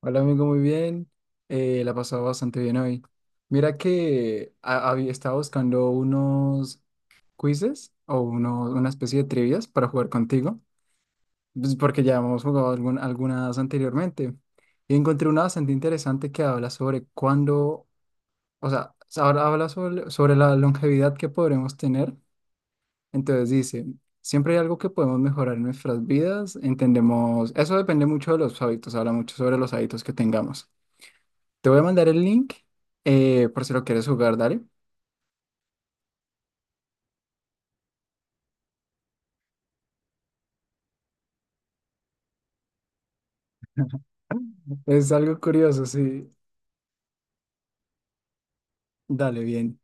Hola amigo, muy bien. La he pasado bastante bien hoy. Mira que había estado buscando unos quizzes o una especie de trivias para jugar contigo, pues, porque ya hemos jugado algunas anteriormente. Y encontré una bastante interesante que habla sobre cuándo, o sea, ahora habla sobre la longevidad que podremos tener. Entonces dice, siempre hay algo que podemos mejorar en nuestras vidas. Entendemos, eso depende mucho de los hábitos, habla mucho sobre los hábitos que tengamos. Te voy a mandar el link por si lo quieres jugar, dale. Es algo curioso, sí. Dale, bien.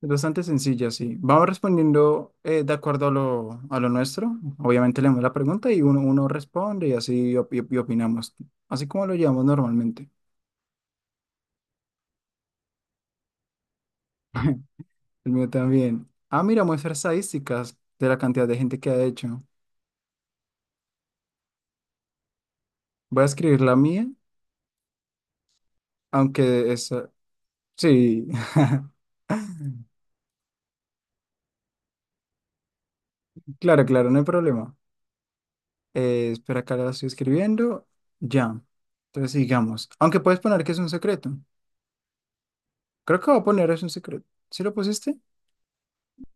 Es bastante sencilla, sí. Vamos respondiendo de acuerdo a lo nuestro. Obviamente leemos la pregunta y uno responde y así y opinamos. Así como lo llevamos normalmente. El mío también. Ah, mira, muestra estadísticas de la cantidad de gente que ha hecho. Voy a escribir la mía, aunque es. Sí, claro, claro, no hay problema. Espera, acá la estoy escribiendo. Ya. Entonces sigamos. Aunque puedes poner que es un secreto. Creo que voy a poner es un secreto. ¿Sí lo pusiste?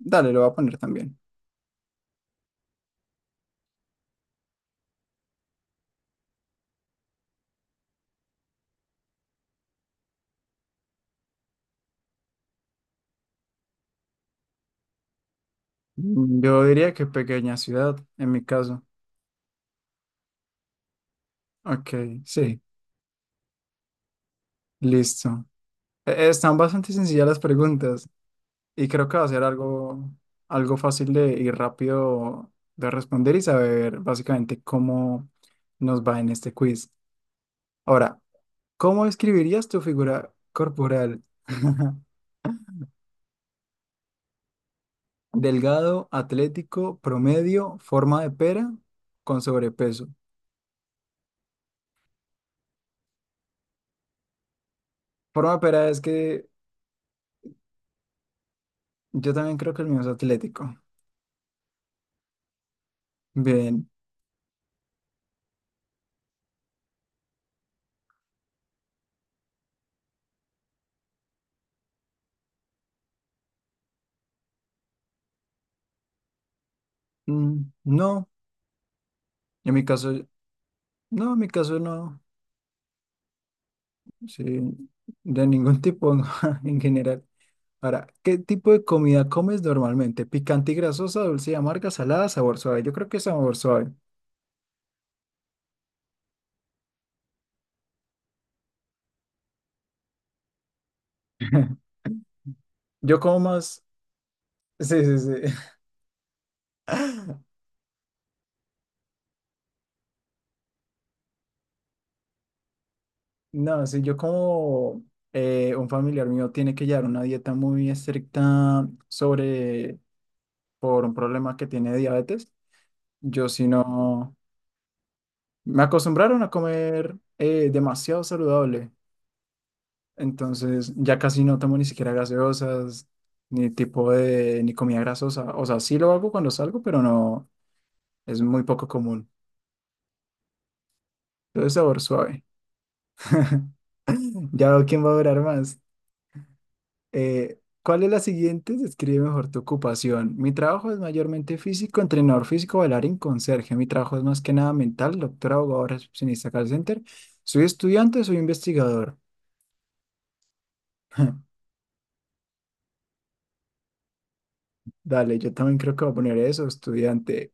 Dale, lo voy a poner también. Mm, yo diría que pequeña ciudad, en mi caso. Ok, sí, listo. Están bastante sencillas las preguntas y creo que va a ser algo, fácil y rápido de responder y saber básicamente cómo nos va en este quiz. Ahora, ¿cómo escribirías tu figura corporal? Delgado, atlético, promedio, forma de pera, con sobrepeso. Forma de pera es que yo también creo que el mío es atlético. Bien. Mm, no, en mi caso, no, en mi caso no. Sí, de ningún tipo en general. Ahora, ¿qué tipo de comida comes normalmente? Picante y grasosa, dulce y amarga, salada, sabor suave. Yo creo que sabor suave. Yo como más. Sí, sí, sí. No, sí, yo como un familiar mío tiene que llevar una dieta muy estricta sobre por un problema que tiene de diabetes. Yo si no, me acostumbraron a comer demasiado saludable. Entonces ya casi no tomo ni siquiera gaseosas, ni tipo de, ni comida grasosa. O sea, sí lo hago cuando salgo, pero no, es muy poco común. Todo es sabor suave. Ya veo quién va a durar más. ¿Cuál es la siguiente? Describe mejor tu ocupación. Mi trabajo es mayormente físico, entrenador físico, bailarín, conserje. Mi trabajo es más que nada mental, doctor, abogado, recepcionista, call center. Soy estudiante, soy investigador. Dale, yo también creo que voy a poner eso, estudiante,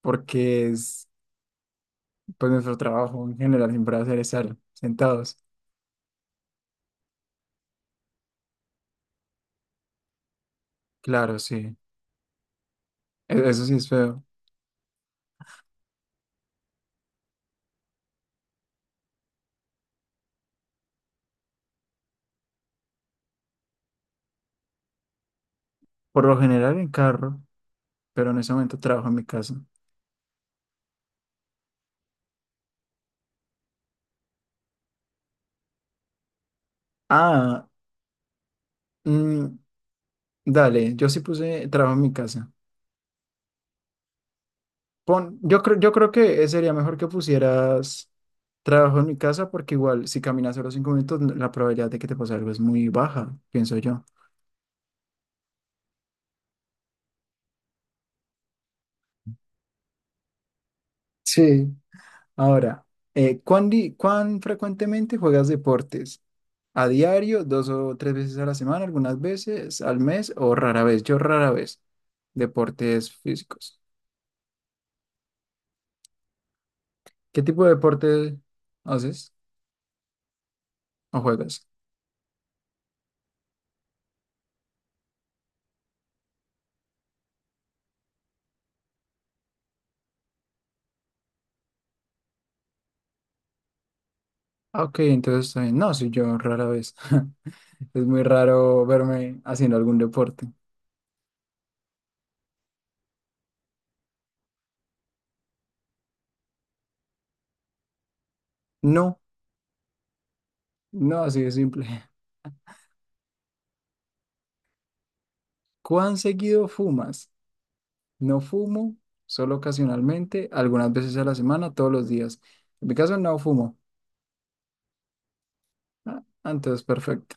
porque es pues nuestro trabajo en general siempre va a ser estar sentados. Claro, sí. Eso sí es feo. Por lo general en carro, pero en ese momento trabajo en mi casa. Ah, mm, dale, yo sí puse trabajo en mi casa. Pon, yo creo que sería mejor que pusieras trabajo en mi casa porque igual si caminas solo 5 minutos la probabilidad de que te pase algo es muy baja, pienso yo. Sí. Ahora, ¿cuán frecuentemente juegas deportes? ¿A diario, dos o tres veces a la semana, algunas veces al mes o rara vez? Yo rara vez. Deportes físicos. ¿Qué tipo de deporte haces o juegas? Ah, ok, entonces, no, sí, yo rara vez. Es muy raro verme haciendo algún deporte. No, no, así de simple. ¿Cuán seguido fumas? No fumo, solo ocasionalmente, algunas veces a la semana, todos los días. En mi caso no fumo. Ah, entonces, perfecto.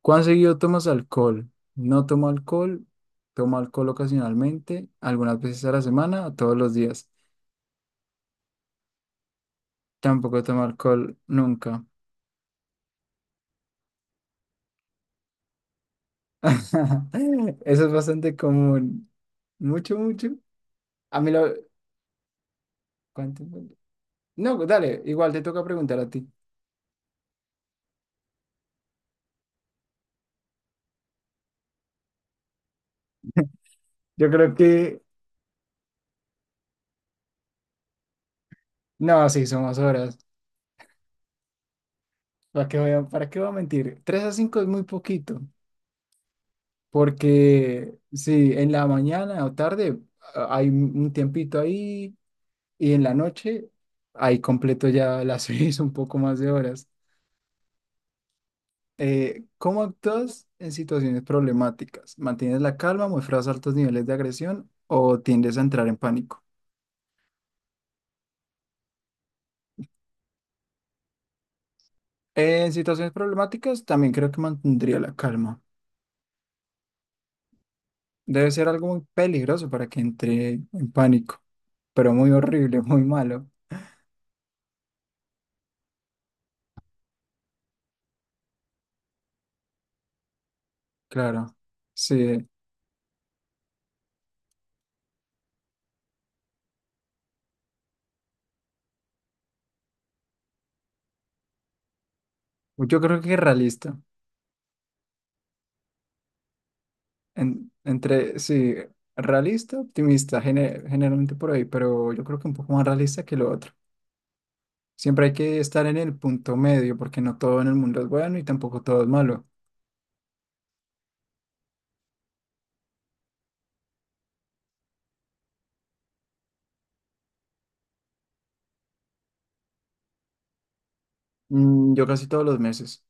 ¿Cuán seguido tomas alcohol? No tomo alcohol, tomo alcohol ocasionalmente, algunas veces a la semana, todos los días. Tampoco tomo alcohol nunca. Eso es bastante común. Mucho, mucho. A mí lo. ¿Cuánto? No, dale, igual te toca preguntar a ti. Yo creo que, no, sí, somos horas. ¿Para qué voy a, para qué voy a mentir? 3 a 5 es muy poquito, porque sí, en la mañana o tarde hay un tiempito ahí y en la noche ahí completo ya las seis, un poco más de horas. ¿Cómo actúas en situaciones problemáticas? ¿Mantienes la calma, muestras altos niveles de agresión o tiendes a entrar en pánico? En situaciones problemáticas también creo que mantendría la calma. Debe ser algo muy peligroso para que entre en pánico, pero muy horrible, muy malo. Claro, sí. Yo creo que realista. Entre, sí, realista, optimista, generalmente por ahí, pero yo creo que un poco más realista que lo otro. Siempre hay que estar en el punto medio, porque no todo en el mundo es bueno y tampoco todo es malo. Mm, yo casi todos los meses,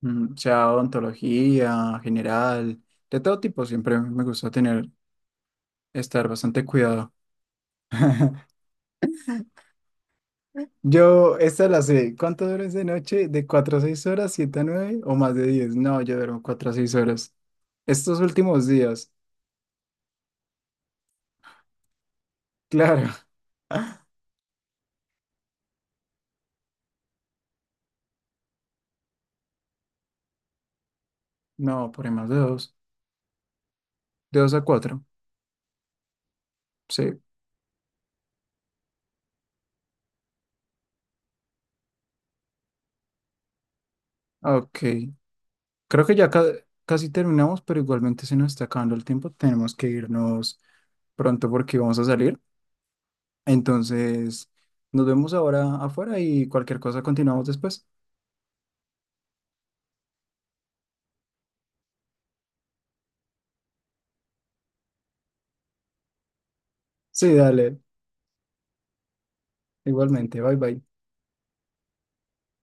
sea odontología, general, de todo tipo, siempre me gusta tener, estar bastante cuidado. Yo, esta la sé. ¿Cuánto duermes de noche? ¿De 4 a 6 horas, 7, a nueve o más de diez? No, yo duermo 4 a 6 horas. Estos últimos días, claro. No, por ahí más de dos, de 2 a cuatro. Sí. Ah, ok. Creo que ya casi terminamos, pero igualmente se nos está acabando el tiempo. Tenemos que irnos pronto porque vamos a salir. Entonces, nos vemos ahora afuera y cualquier cosa continuamos después. Sí, dale. Igualmente. Bye bye.